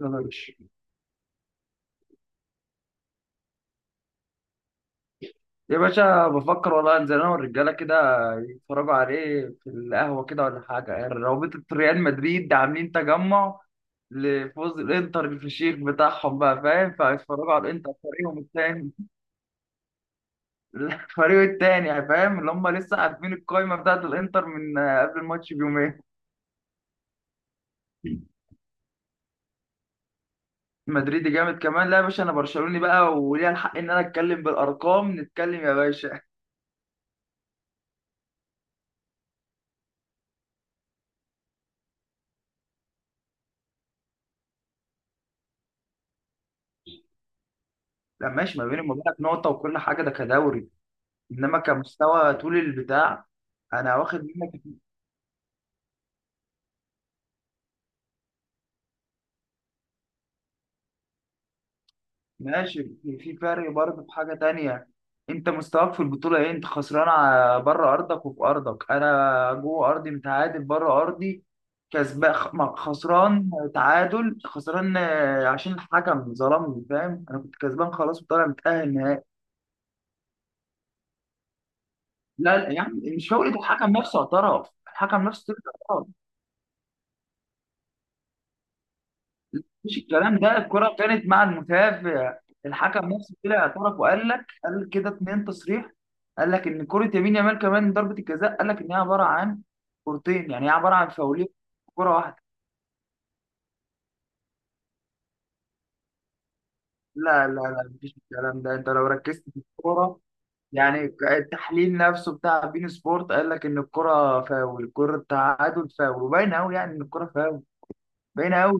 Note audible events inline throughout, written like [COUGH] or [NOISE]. يلا يا باشا. يا باشا بفكر والله انزل انا والرجاله كده يتفرجوا عليه في القهوه كده ولا حاجه، يعني رابطه ريال مدريد عاملين تجمع لفوز الانتر الفشيخ بتاعهم، بقى فاهم؟ فهيتفرجوا على الانتر فريقهم التاني. [LAUGHS] الفريق التاني يعني، فاهم اللي هم لسه عارفين القايمه بتاعت الانتر من قبل الماتش بيومين. مدريد جامد كمان، لا يا باشا انا برشلوني بقى وليا الحق ان انا اتكلم بالارقام، نتكلم يا باشا. لا ماشي، ما بيني وما بينك نقطه وكل حاجه ده كدوري، انما كمستوى طول البتاع. انا واخد منك. ماشي، في فرق برضه، في حاجه تانية. انت مستواك في البطوله ايه؟ انت خسران بره ارضك وفي ارضك، انا جوه ارضي متعادل بره ارضي كسبان. خسران تعادل خسران، عشان الحكم ظلمني، فاهم؟ انا كنت كسبان خلاص وطالع متاهل نهائي. لا، يعني مش فوقت، الحكم نفسه اعترف، الحكم نفسه. مفيش الكلام ده، الكرة كانت مع المتابع. الحكم نفسه طلع اعترف وقال لك، قال كده اتنين تصريح. قال لك ان كرة يمين يامال كمان ضربة الجزاء، قال لك ان هي عبارة عن كورتين، يعني هي عبارة عن فاولين في كرة واحدة. لا مفيش الكلام ده، انت لو ركزت في الكورة يعني، التحليل نفسه بتاع بين سبورت قال لك ان الكرة فاول، الكرة التعادل فاول، وباين قوي يعني ان الكرة فاول، باين قوي.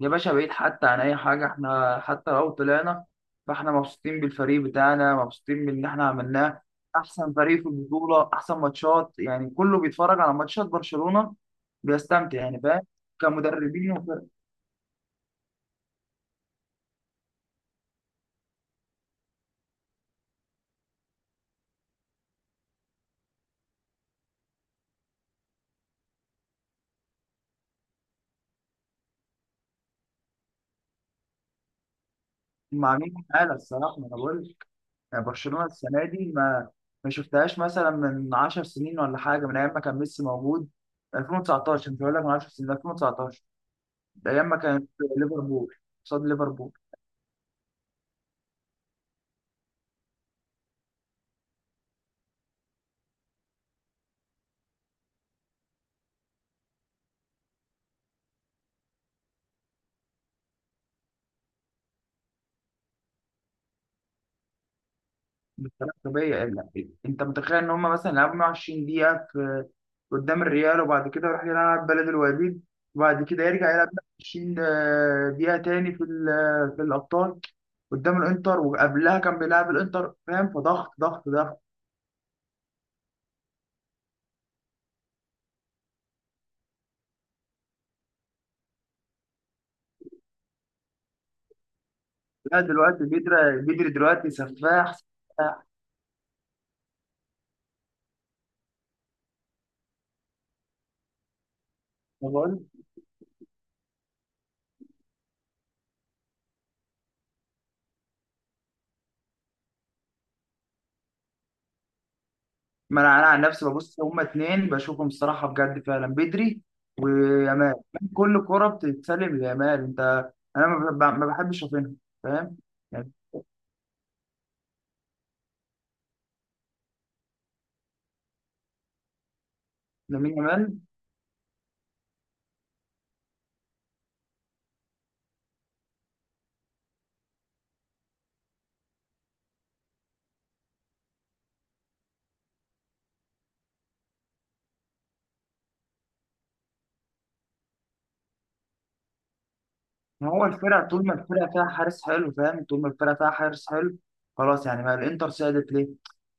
يا باشا بعيد حتى عن اي حاجه، احنا حتى لو طلعنا فاحنا مبسوطين بالفريق بتاعنا، مبسوطين بان احنا عملناه احسن فريق في البطوله، احسن ماتشات، يعني كله بيتفرج على ماتشات برشلونه بيستمتع، يعني فاهم؟ كمدربين وفرق هم عاملين حاله الصراحه، ما انا بقول لك. يعني برشلونه السنه دي ما ما شفتهاش مثلا من 10 سنين ولا حاجه، من ايام ما كان ميسي موجود، 2019، مش هقول لك من 10 سنين، 2019، ده ايام ما كانت ليفربول قصاد ليفربول. بطريقة طبيعية، انت متخيل ان هم مثلا لعبوا 120 دقيقة في قدام الريال، وبعد كده راح يلعب بلد الوليد، وبعد كده يرجع يلعب 20 دقيقة تاني في في الأبطال قدام الإنتر، وقبلها كان بيلعب الإنتر، فاهم؟ فضغط ضغط ضغط. لا دلوقتي بيدري دلوقتي سفاح. سفاح. ما انا انا عن نفسي ببص، هما اتنين بشوفهم الصراحه بجد فعلا، بدري ويامال، يعني كل كرة بتتسلم ليامال، انت انا ما بحبش اشوفها، فاهم يعني؟ لامين يامال. ما هو الفرقه، طول ما الفرقه فيها حارس حلو، فاهم؟ طول ما الفرقه فيها حارس حلو خلاص، يعني ما الانتر سادت ليه؟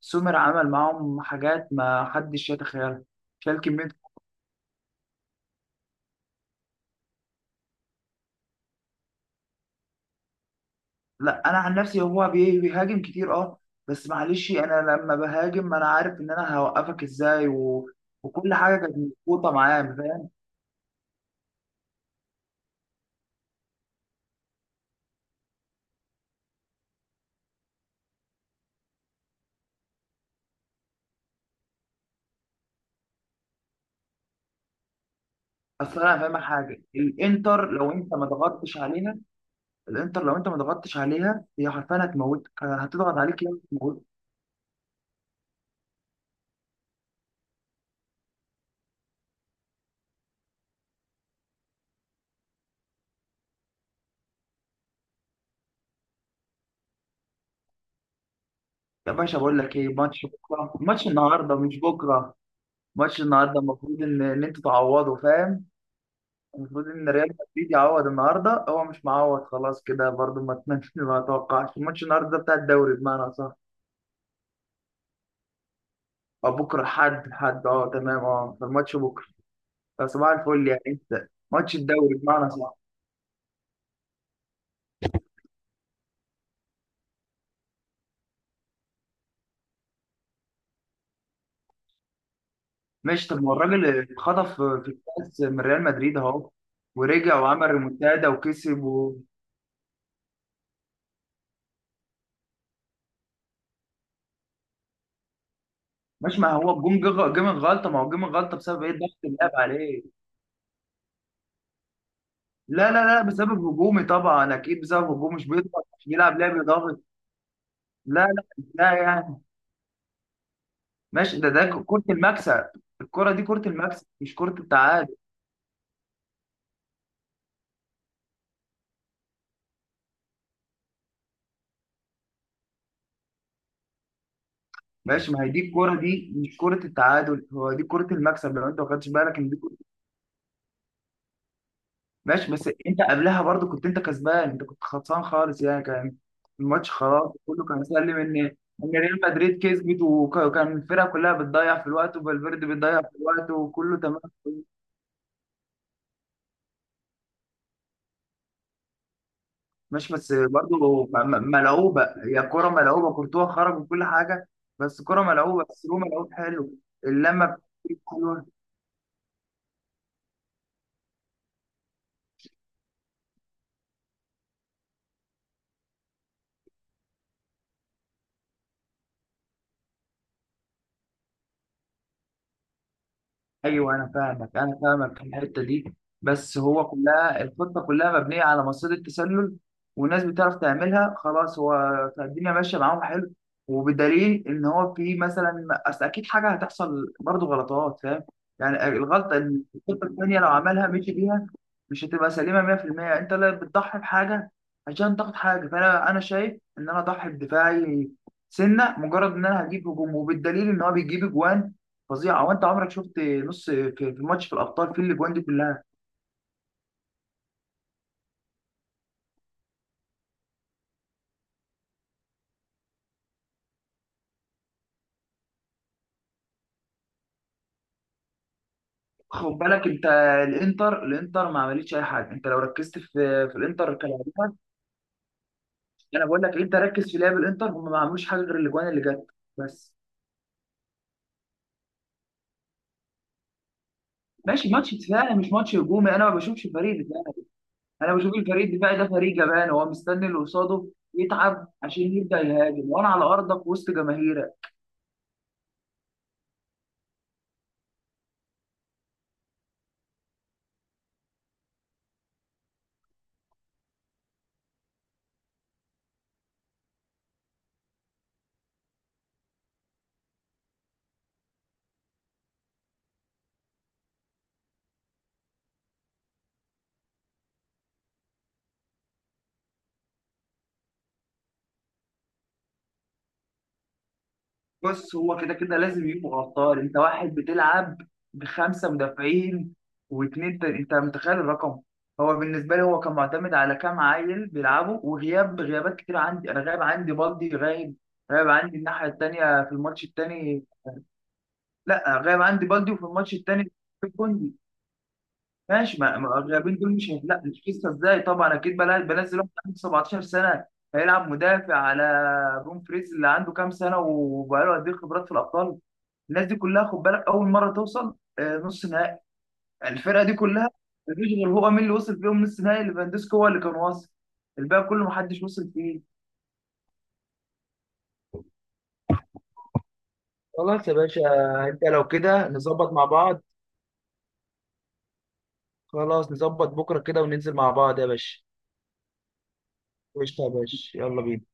سومر عمل معاهم حاجات ما حدش يتخيلها، شال كميه. لا انا عن نفسي هو بيهاجم كتير اه، بس معلش، انا لما بهاجم انا عارف ان انا هوقفك ازاي و... وكل حاجه كانت مظبوطه معاه، فاهم؟ اصل انا هفهمك حاجه، الانتر لو انت ما ضغطتش عليها، الانتر لو انت ما ضغطتش عليها هي حرفيا هتموتك، يعني هتضغط عليك يا هتموتك. يا باشا بقول لك ايه، ماتش بكره، ماتش النهارده مش بكره. ماتش النهارده المفروض ان ان انتوا تعوضوا، فاهم؟ المفروض ان ريال مدريد يعوض النهارده، هو مش معوض خلاص كده برضو، ما اتمنش [LAUGHS] ما اتوقعش الماتش النهارده ده بتاع الدوري بمعنى اصح. او بكره، حد اه تمام اه، فالماتش بكره. فصباح الفل، يعني انت ماتش الدوري بمعنى اصح. ماشي، طب ما الراجل اللي اتخطف في الكاس من ريال مدريد اهو، ورجع وعمل ريمونتادا وكسب و... مش، ما هو الجون جه جه من غلطه، ما هو جه من غلطه بسبب ايه، ضغط اللعب عليه. لا بسبب هجومي طبعا اكيد، بسبب هجومي، مش بيضغط، مش بيلعب لعب ضاغط. لا لا لا يعني ماشي، ده كرة المكسب، الكرة دي كرة المكسب مش كرة التعادل. ماشي، ما هي دي الكرة، دي مش كرة التعادل، هو دي كرة المكسب لو انت ما خدتش بالك ان دي كرة. ماشي بس انت قبلها برضو كنت انت كسبان، انت كنت خلصان خالص، يعني كان الماتش خلاص كله كان سلم ان ان ريال مدريد كسبت، وكان الفرقة كلها بتضيع في الوقت، وفالفيردي بتضيع في الوقت وكله تمام. ماشي بس برضو ملعوبة، هي كرة ملعوبة، كورتوا خرج وكل حاجة، بس كرة ملعوبة، بس هو ملعوب حلو، اللمة بتاعته حلوة. ايوه، انا فاهمك، انا فاهمك في الحته دي، بس هو كلها الخطه كلها مبنيه على مصيده التسلل، والناس بتعرف تعملها خلاص، هو الدنيا ماشيه معاهم حلو، وبدليل ان هو في مثلا اصل اكيد حاجه هتحصل برضه غلطات، فاهم يعني؟ الغلطه، الخطه الثانيه لو عملها مشي بيها، مش هتبقى سليمه 100%، انت لا بتضحي بحاجه عشان تاخد حاجه، فانا انا شايف ان انا اضحي بدفاعي سنه مجرد ان انا هجيب هجوم، وبالدليل ان هو بيجيب اجوان فظيعه، هو انت عمرك شفت نص في في ماتش في الابطال في الاجوان دي كلها؟ خد بالك انت، الانتر ما عملتش اي حاجه، انت لو ركزت في في الانتر كلاعبين، انا بقول لك انت ركز في لعب الانتر، هم ما عملوش حاجه غير الاجوان اللي جت بس. ماشي ماتش دفاعي مش ماتش هجومي، انا ما بشوفش فريق دفاعي، انا بشوف الفريق الدفاعي ده فريق جبان، هو مستني اللي قصاده يتعب عشان يبدا يهاجم، وانا على ارضك وسط جماهيرك. بص، هو كده كده لازم يبقوا غدار، انت واحد بتلعب بخمسه مدافعين واتنين انت متخيل الرقم؟ هو بالنسبه لي هو كان معتمد على كام عيل بيلعبوا، وغياب غيابات كتير عندي، انا غايب عندي بالدي، غايب غايب عندي الناحيه التانيه في الماتش التاني. لا، غايب عندي بالدي وفي الماتش التاني في كوندي. ماشي، ما ما اللاعبين دول مش هي- لا مش قصه ازاي، طبعا اكيد بنزل واحد عنده 17 سنه هيلعب مدافع على بوم فريز اللي عنده كام سنه وبقاله قد ايه خبرات في الابطال، الناس دي كلها خد بالك اول مره توصل نص نهائي، الفرقه دي كلها مفيش غير، هو مين اللي وصل فيهم نص نهائي؟ ليفاندوسكي هو اللي كان واصل، الباقي كله محدش وصل فيه. خلاص يا باشا، انت لو كده نظبط مع بعض، خلاص نظبط بكره كده وننزل مع بعض يا باشا. قشطة يا باشا، يلا بينا.